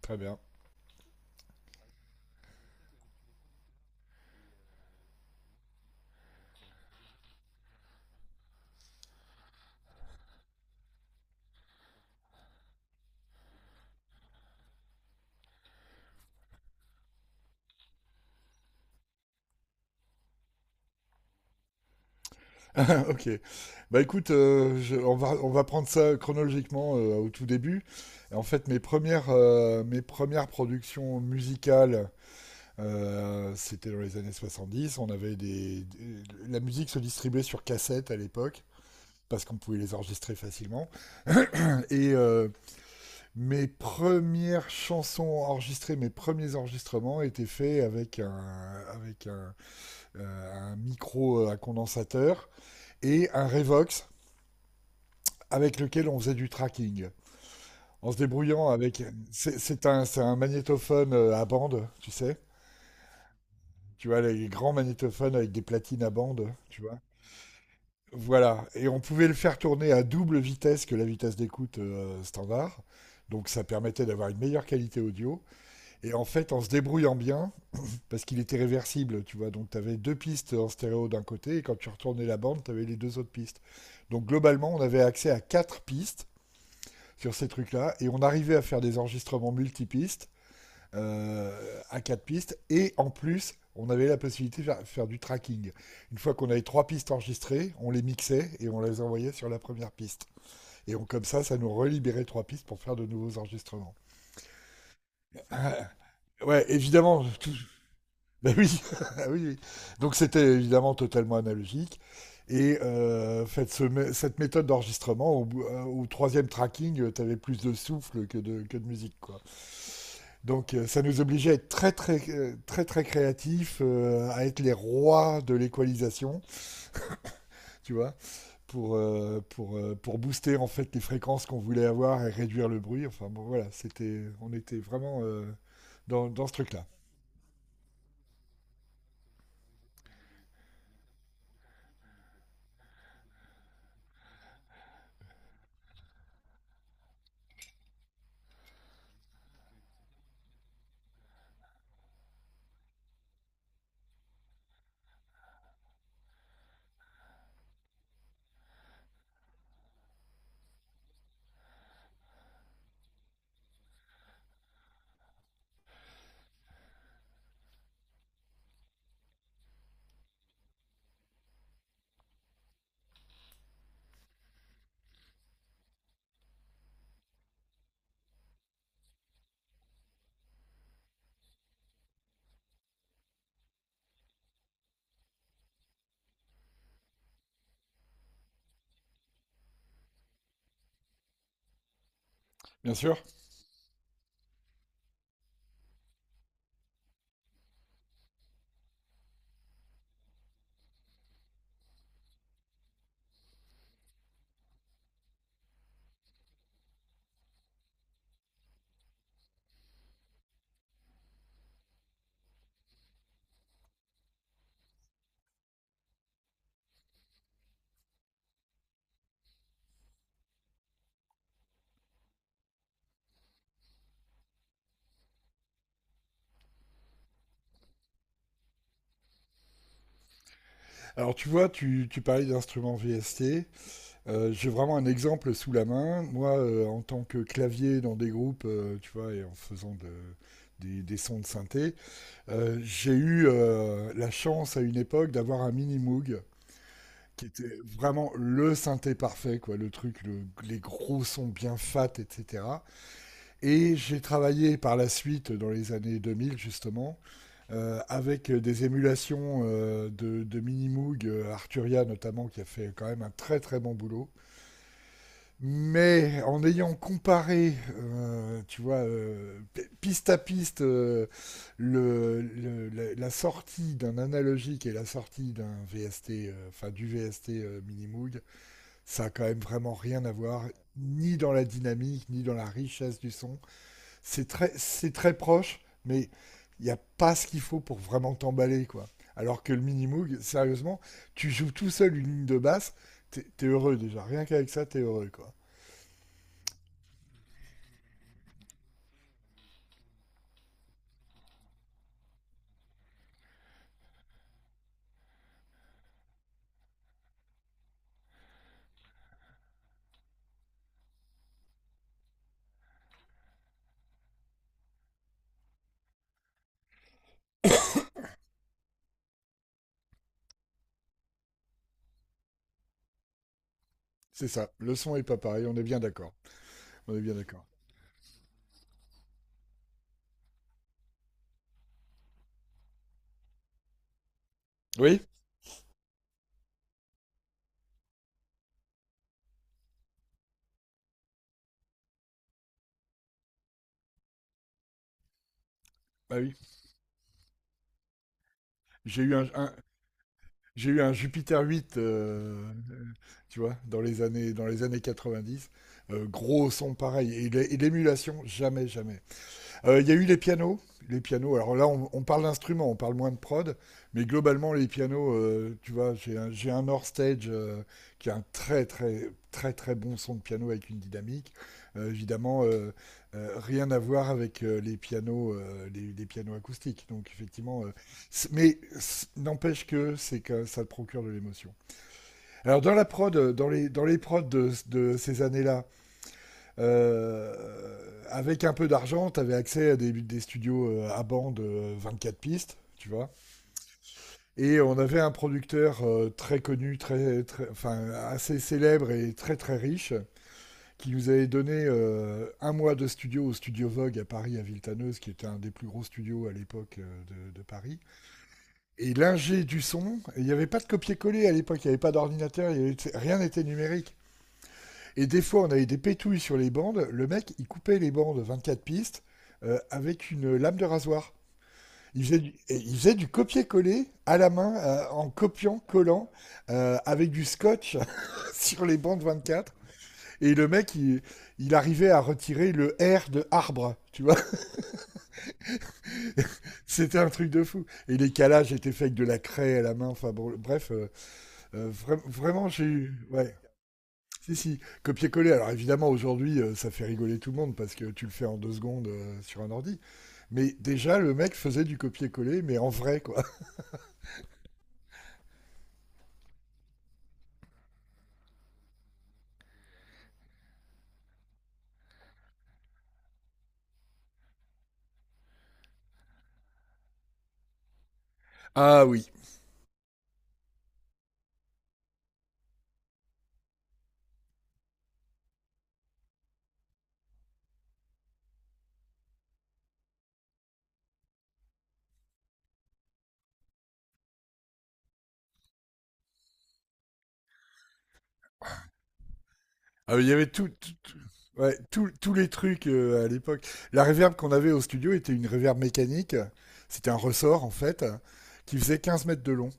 Très bien. Ok. Bah écoute, on va prendre ça chronologiquement au tout début. Et en fait, mes premières productions musicales, c'était dans les années 70. On avait la musique se distribuait sur cassette à l'époque, parce qu'on pouvait les enregistrer facilement. Et mes premières chansons enregistrées, mes premiers enregistrements étaient faits avec un micro à condensateur et un Revox avec lequel on faisait du tracking. En se débrouillant avec. C'est un magnétophone à bande, tu sais. Tu vois, les grands magnétophones avec des platines à bande, tu vois. Voilà. Et on pouvait le faire tourner à double vitesse que la vitesse d'écoute standard. Donc ça permettait d'avoir une meilleure qualité audio. Et en fait, en se débrouillant bien, parce qu'il était réversible, tu vois. Donc tu avais deux pistes en stéréo d'un côté, et quand tu retournais la bande, tu avais les deux autres pistes. Donc globalement, on avait accès à quatre pistes sur ces trucs-là. Et on arrivait à faire des enregistrements multipistes, à quatre pistes. Et en plus, on avait la possibilité de faire du tracking. Une fois qu'on avait trois pistes enregistrées, on les mixait et on les envoyait sur la première piste. Et comme ça nous relibérait trois pistes pour faire de nouveaux enregistrements. Ouais, évidemment. Bah oui, oui, oui. Donc c'était évidemment totalement analogique. Et faites ce cette méthode d'enregistrement, au troisième tracking, tu avais plus de souffle que de musique. Quoi. Donc ça nous obligeait à être très très très très, très créatifs, à être les rois de l'équalisation, tu vois, pour booster en fait les fréquences qu'on voulait avoir et réduire le bruit. Enfin bon voilà, c'était on était vraiment dans ce truc-là. Bien sûr. Alors tu vois, tu parlais d'instruments VST. J'ai vraiment un exemple sous la main. Moi, en tant que clavier dans des groupes, tu vois, et en faisant des sons de synthé. J'ai eu la chance à une époque d'avoir un mini Moog qui était vraiment le synthé parfait, quoi, le truc, les gros sons bien fat, etc. Et j'ai travaillé par la suite, dans les années 2000 justement, avec des émulations de mini Moog, Arturia notamment, qui a fait quand même un très très bon boulot. Mais en ayant comparé, tu vois, piste à piste, la sortie d'un analogique et la sortie d'un VST, enfin du VST Minimoog, ça a quand même vraiment rien à voir, ni dans la dynamique, ni dans la richesse du son. C'est très proche, mais il n'y a pas ce qu'il faut pour vraiment t'emballer, quoi. Alors que le Minimoog, sérieusement, tu joues tout seul une ligne de basse, t'es heureux déjà, rien qu'avec ça, t'es heureux, quoi. C'est ça. Le son est pas pareil. On est bien d'accord. On est bien d'accord. Oui? Bah oui. J'ai eu un, un- j'ai eu un Jupiter 8, euh, tu vois, dans les années 90. Gros son pareil. Et l'émulation, jamais, jamais. Il y a eu les pianos. Les pianos, alors là, on parle d'instruments, on parle moins de prod, mais globalement, les pianos, tu vois, j'ai un North Stage qui a un très, très, très, très bon son de piano avec une dynamique. Évidemment, rien à voir avec les pianos, les pianos acoustiques. Donc, effectivement, n'empêche que c'est que ça te procure de l'émotion. Alors, dans la prod, dans les prods de ces années-là, euh, avec un peu d'argent, tu avais accès à des studios à bande 24 pistes, tu vois. Et on avait un producteur très connu, très, très, enfin, assez célèbre et très très riche, qui nous avait donné un mois de studio au Studio Vogue à Paris, à Villetaneuse, qui était un des plus gros studios à l'époque de Paris. Et l'ingé du son, il n'y avait pas de copier-coller à l'époque, il n'y avait pas d'ordinateur, il y avait, rien n'était numérique. Et des fois, on avait des pétouilles sur les bandes. Le mec, il coupait les bandes 24 pistes avec une lame de rasoir. Il faisait du copier-coller à la main, en copiant, collant, avec du scotch sur les bandes 24. Et le mec, il arrivait à retirer le R de arbre, tu vois. C'était un truc de fou. Et les calages étaient faits avec de la craie à la main. Enfin bon, bref, vraiment, j'ai eu. Ouais. Si, si, copier-coller. Alors évidemment, aujourd'hui, ça fait rigoler tout le monde parce que tu le fais en deux secondes sur un ordi. Mais déjà, le mec faisait du copier-coller, mais en vrai, quoi. Ah oui. Ah oui, il y avait tout, ouais, tous les trucs à l'époque. La reverb qu'on avait au studio était une reverb mécanique. C'était un ressort, en fait, qui faisait 15 mètres de long.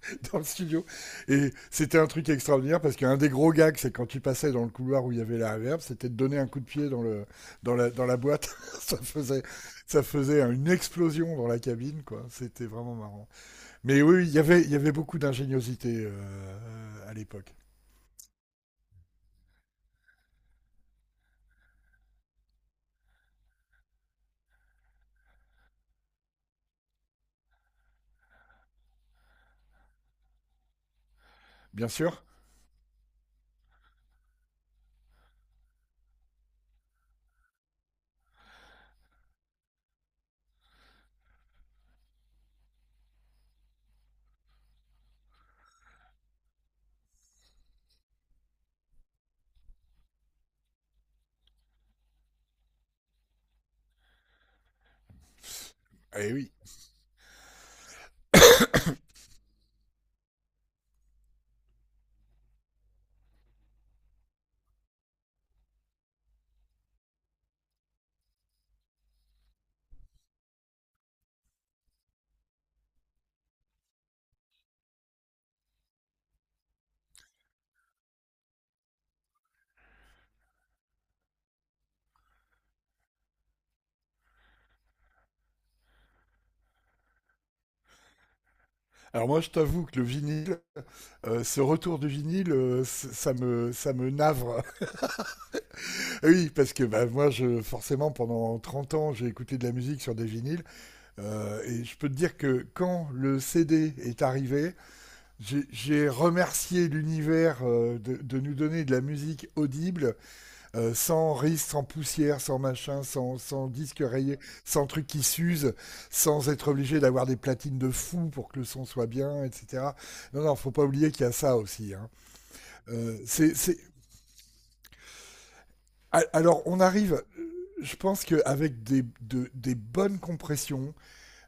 Dans le studio. Et c'était un truc extraordinaire parce qu'un des gros gags, c'est quand tu passais dans le couloir où il y avait la reverb, c'était de donner un coup de pied dans la boîte. ça, faisait, ça faisait une explosion dans la cabine, quoi. C'était vraiment marrant. Mais oui, il y avait beaucoup d'ingéniosité à l'époque. Bien sûr. Eh oui. Alors moi, je t'avoue que le vinyle, ce retour du vinyle, ça me navre. Oui, parce que bah, moi, je forcément pendant 30 ans, j'ai écouté de la musique sur des vinyles. Et je peux te dire que quand le CD est arrivé, j'ai remercié l'univers de nous donner de la musique audible, sans risque, sans poussière, sans machin, sans disque rayé, sans truc qui s'use, sans être obligé d'avoir des platines de fou pour que le son soit bien, etc. Non, non, faut pas oublier qu'il y a ça aussi, hein. C'est. Alors, on arrive, je pense qu'avec des bonnes compressions,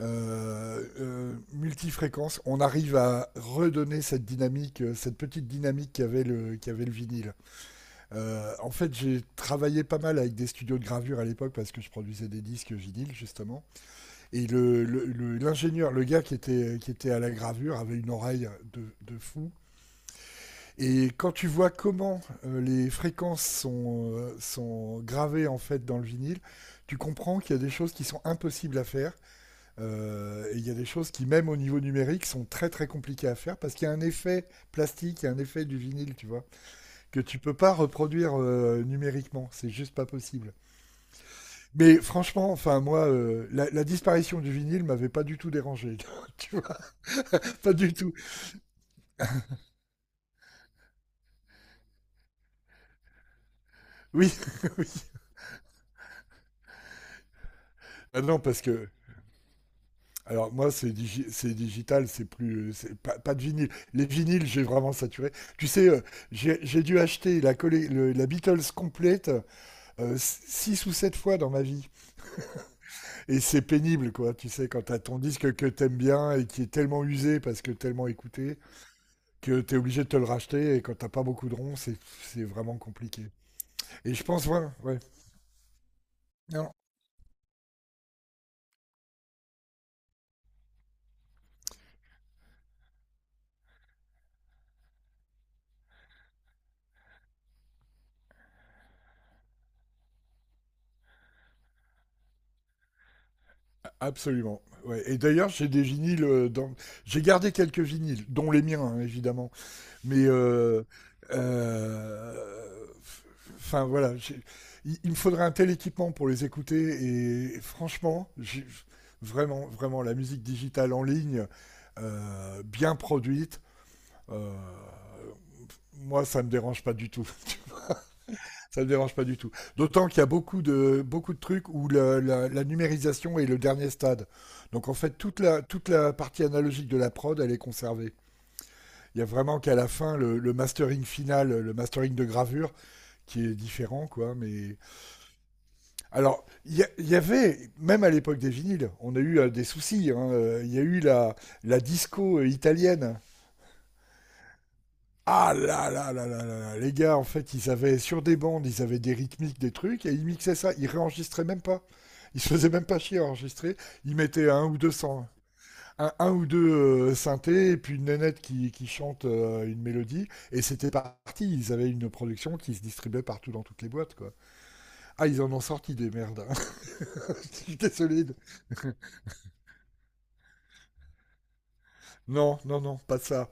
euh, euh, multifréquence, on arrive à redonner cette dynamique, cette petite dynamique qu'avait qu'avait le vinyle. En fait, j'ai travaillé pas mal avec des studios de gravure à l'époque parce que je produisais des disques vinyle justement. Et l'ingénieur, le gars qui était à la gravure avait une oreille de fou. Et quand tu vois comment les fréquences sont gravées en fait dans le vinyle, tu comprends qu'il y a des choses qui sont impossibles à faire, et il y a des choses qui, même au niveau numérique, sont très très compliquées à faire parce qu'il y a un effet plastique, il y a un effet du vinyle, tu vois, que tu peux pas reproduire numériquement. C'est juste pas possible. Mais franchement, enfin, moi, la disparition du vinyle m'avait pas du tout dérangé. Tu vois, pas du tout. Oui, oui. Ah non, parce que alors moi, c'est digital, c'est plus, c'est pas de vinyle. Les vinyles, j'ai vraiment saturé. Tu sais, j'ai dû acheter la Beatles complète 6 ou 7 fois dans ma vie. Et c'est pénible, quoi. Tu sais, quand t'as ton disque que t'aimes bien et qui est tellement usé parce que tellement écouté, que t'es obligé de te le racheter et quand t'as pas beaucoup de ronds, c'est vraiment compliqué. Et je pense, voilà, ouais. Non, absolument. Ouais. Et d'ailleurs, j'ai des vinyles. Dans. J'ai gardé quelques vinyles, dont les miens, hein, évidemment. Mais euh, enfin voilà, il me faudrait un tel équipement pour les écouter. Et franchement, vraiment, vraiment, la musique digitale en ligne, bien produite, euh, moi, ça me dérange pas du tout. Ça me dérange pas du tout. D'autant qu'il y a beaucoup de trucs où la numérisation est le dernier stade. Donc en fait, toute toute la partie analogique de la prod, elle est conservée. Il y a vraiment qu'à la fin le mastering final, le mastering de gravure qui est différent, quoi. Mais alors, il y avait même à l'époque des vinyles, on a eu des soucis. Il hein, il y a eu la disco italienne. Ah là, là là là là là les gars, en fait, ils avaient sur des bandes, ils avaient des rythmiques, des trucs, et ils mixaient ça. Ils réenregistraient même pas. Ils se faisaient même pas chier à enregistrer. Ils mettaient un ou deux cents. Un ou deux synthés et puis une nénette qui chante une mélodie. Et c'était parti. Ils avaient une production qui se distribuait partout dans toutes les boîtes, quoi. Ah, ils en ont sorti des merdes, hein. Je suis désolé. Non, non, non, pas ça.